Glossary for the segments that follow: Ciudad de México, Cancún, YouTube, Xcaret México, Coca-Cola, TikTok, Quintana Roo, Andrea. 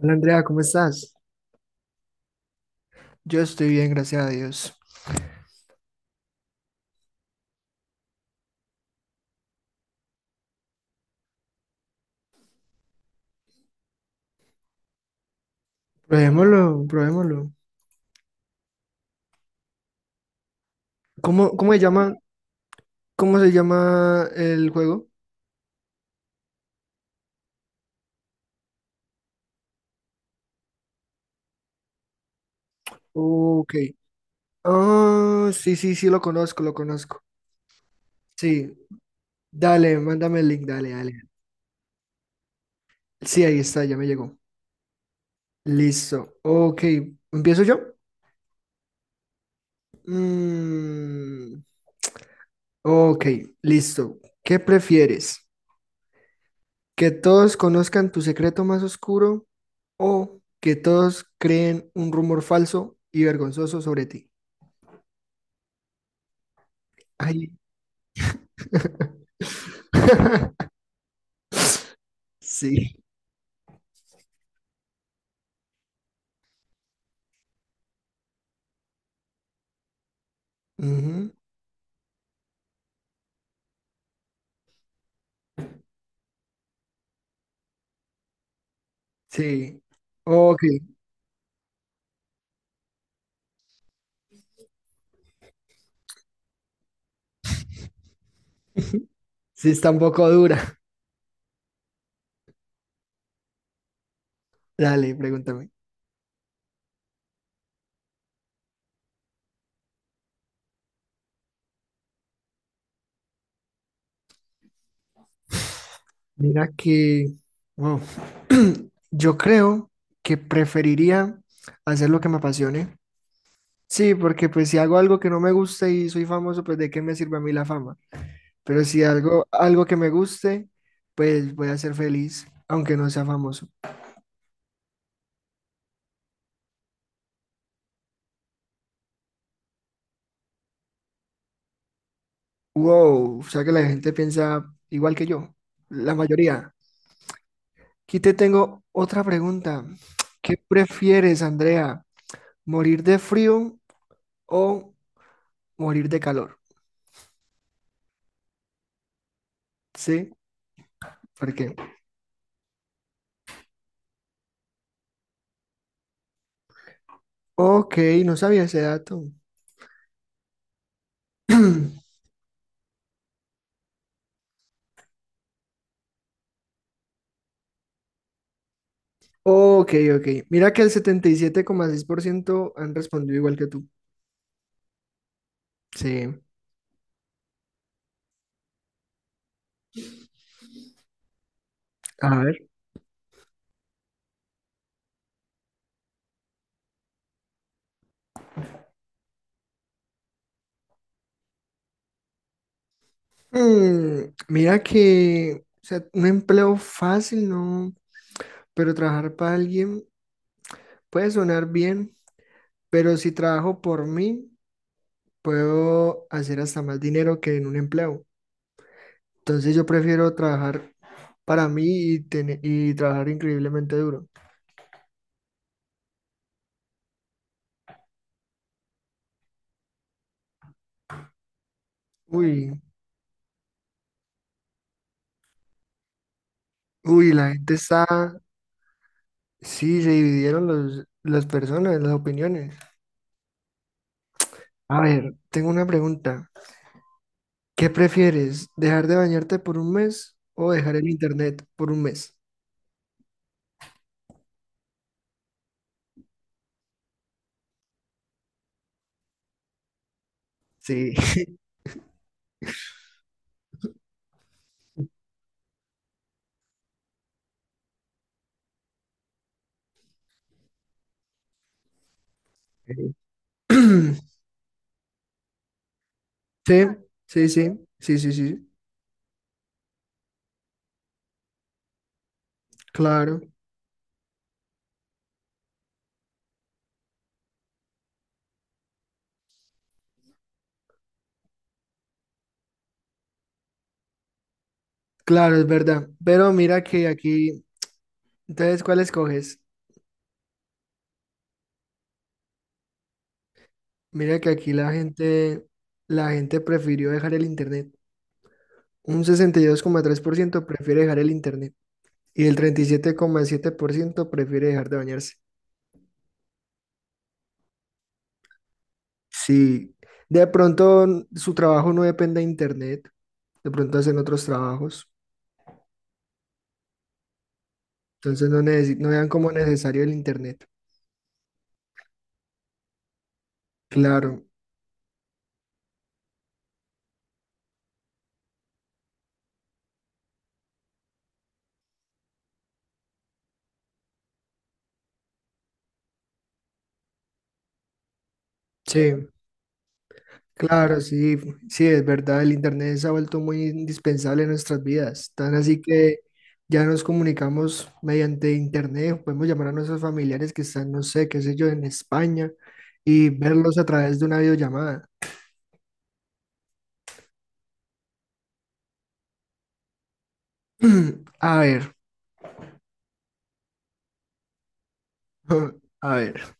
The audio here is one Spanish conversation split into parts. Hola Andrea, ¿cómo estás? Yo estoy bien, gracias a Dios. Probémoslo, probémoslo. ¿Cómo, cómo se llama, cómo se llama el juego? Ok. Ah, sí, sí, sí, lo conozco, lo conozco. Sí, dale, mándame el link, dale, dale. Sí, ahí está, ya me llegó. Listo. Ok, ¿empiezo yo? Mm, ok, listo. ¿Qué prefieres? Que todos conozcan tu secreto más oscuro o que todos creen un rumor falso y vergonzoso sobre ti. Ay. Sí. Ujú. Sí. Ok. Sí, está un poco dura. Dale, pregúntame. Mira que, wow. Yo creo que preferiría hacer lo que me apasione. Sí, porque pues si hago algo que no me gusta y soy famoso, pues ¿de qué me sirve a mí la fama? Pero si algo que me guste, pues voy a ser feliz, aunque no sea famoso. Wow, o sea que la gente piensa igual que yo, la mayoría. Aquí te tengo otra pregunta. ¿Qué prefieres, Andrea? ¿Morir de frío o morir de calor? ¿Sí? ¿Por qué? Ok, no sabía ese dato. Ok, ok. Mira que el 77,6% han respondido igual que tú. Sí. A ver. Mira que, o sea, un empleo fácil, ¿no? Pero trabajar para alguien puede sonar bien, pero si trabajo por mí, puedo hacer hasta más dinero que en un empleo. Entonces yo prefiero trabajar para mí y, tener, y trabajar increíblemente duro. Uy, uy, la gente está, sí, se dividieron los, las personas, las opiniones. A ver, tengo una pregunta. ¿Qué prefieres, dejar de bañarte por un mes o dejar el internet por un mes? Sí. Sí, sí, sí, sí, sí, sí, claro, claro, es verdad. Pero mira que aquí, entonces, ¿cuál escoges? Mira que aquí la gente prefirió dejar el internet. Un 62,3% prefiere dejar el internet y el treinta y siete coma siete por ciento prefiere dejar de bañarse. Sí, de pronto su trabajo no depende de internet, de pronto hacen otros trabajos, entonces no, no vean como necesario el internet. Claro, sí, claro, sí, sí, es verdad, el Internet se ha vuelto muy indispensable en nuestras vidas, tan así que ya nos comunicamos mediante Internet, podemos llamar a nuestros familiares que están, no sé, qué sé yo, en España y verlos a través de una videollamada. A ver, a ver,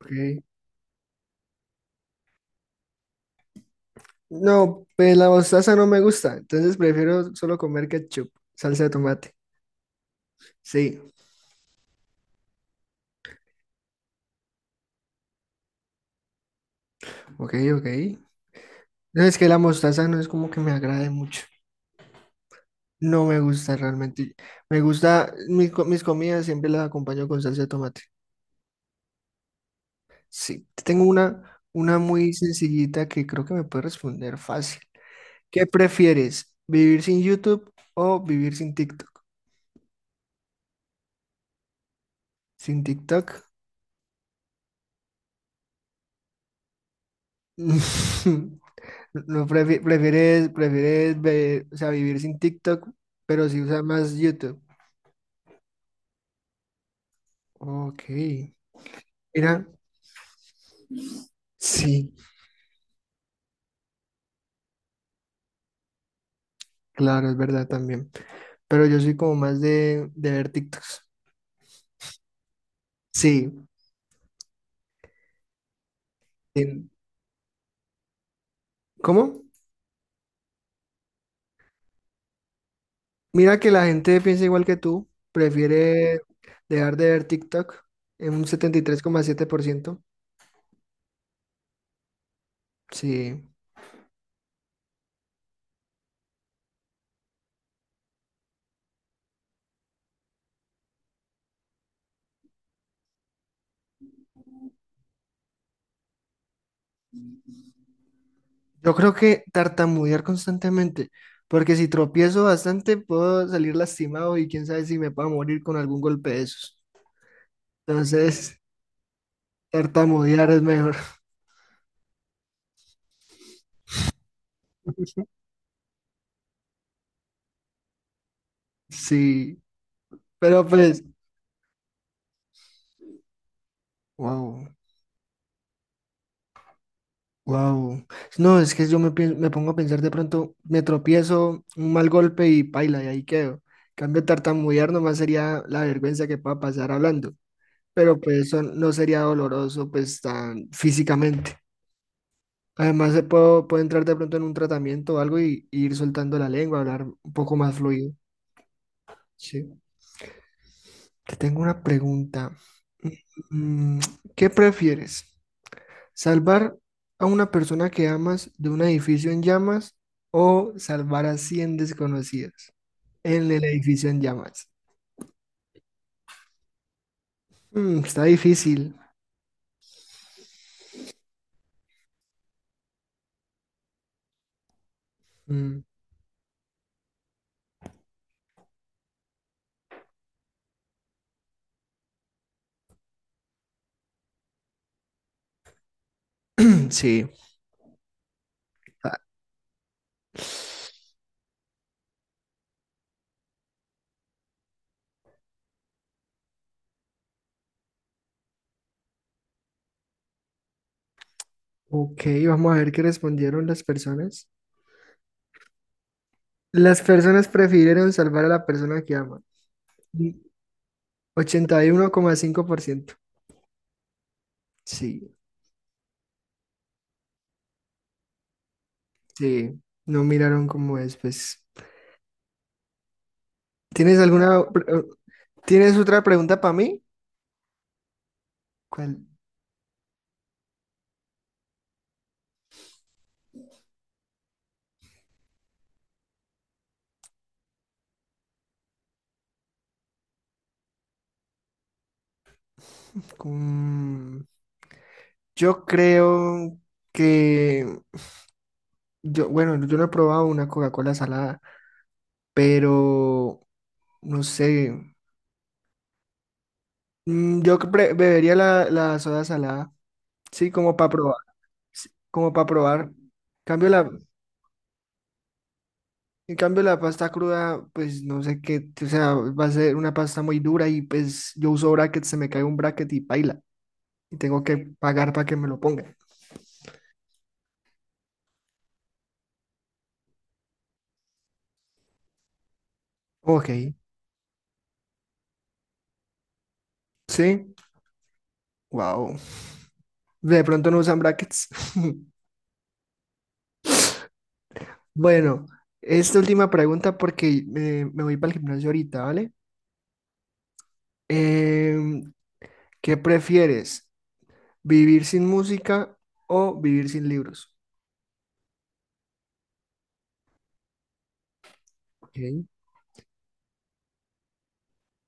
ok. No, pues la mostaza no me gusta, entonces prefiero solo comer ketchup, salsa de tomate. Sí, ok, ok. No, es que la mostaza no es como que me agrade mucho. No me gusta realmente. Me gusta, mis comidas siempre las acompaño con salsa de tomate. Sí, tengo una muy sencillita que creo que me puede responder fácil. ¿Qué prefieres? ¿Vivir sin YouTube o vivir sin TikTok? ¿Sin TikTok? No, prefieres, prefieres o sea, vivir sin TikTok, pero si usas más YouTube. Ok. Mira, sí, claro, es verdad también. Pero yo soy como más de ver TikToks. Sí. En- ¿Cómo? Mira que la gente piensa igual que tú, prefiere dejar de ver TikTok en un 73,7%. Sí, yo creo que tartamudear constantemente, porque si tropiezo bastante puedo salir lastimado y quién sabe si me puedo morir con algún golpe de esos. Entonces, tartamudear es mejor. Sí, pero pues, wow. Wow. No, es que yo me pongo a pensar de pronto, me tropiezo, un mal golpe y paila, y ahí quedo. Cambio tartamudear nomás sería la vergüenza que pueda pasar hablando, pero pues eso no sería doloroso pues tan físicamente. Además, puedo entrar de pronto en un tratamiento o algo y ir soltando la lengua, hablar un poco más fluido. Sí. Te tengo una pregunta. Mm, ¿Qué prefieres? Salvar a una persona que amas de un edificio en llamas o salvar a 100 desconocidos en el edificio en llamas. Está difícil. Mm, sí. Ah, ok, vamos a ver qué respondieron las personas. Las personas prefirieron salvar a la persona que aman. Mm, 81,5%. Sí, sí. No miraron cómo es, pues. ¿Tienes otra pregunta para mí? ¿Cuál? Mm, Yo creo que yo, bueno, yo no he probado una Coca-Cola salada, pero no sé. Yo bebería la soda salada, sí, como para probar, sí, como para probar. Cambio la, en cambio la pasta cruda, pues no sé qué, o sea, va a ser una pasta muy dura y pues yo uso bracket, se me cae un bracket y paila, y tengo que pagar para que me lo pongan. Ok, sí, wow. De pronto no usan brackets. Bueno, esta última pregunta porque me voy para el gimnasio ahorita, ¿vale? Em, ¿Qué prefieres? ¿Vivir sin música o vivir sin libros? Ok.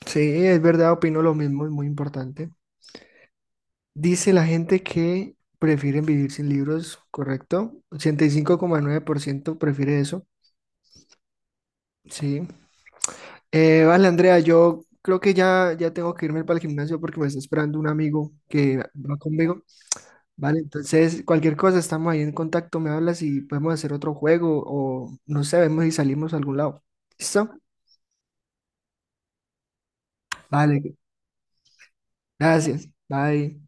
Sí, es verdad, opino lo mismo, es muy importante. Dice la gente que prefieren vivir sin libros, ¿correcto? 85,9% prefiere eso, sí. Vale, Andrea, yo creo que ya tengo que irme para el gimnasio porque me está esperando un amigo que va conmigo. Vale, entonces cualquier cosa, estamos ahí en contacto, me hablas y podemos hacer otro juego o no sé, vemos si salimos a algún lado. ¿Listo? Vale, gracias. Bye.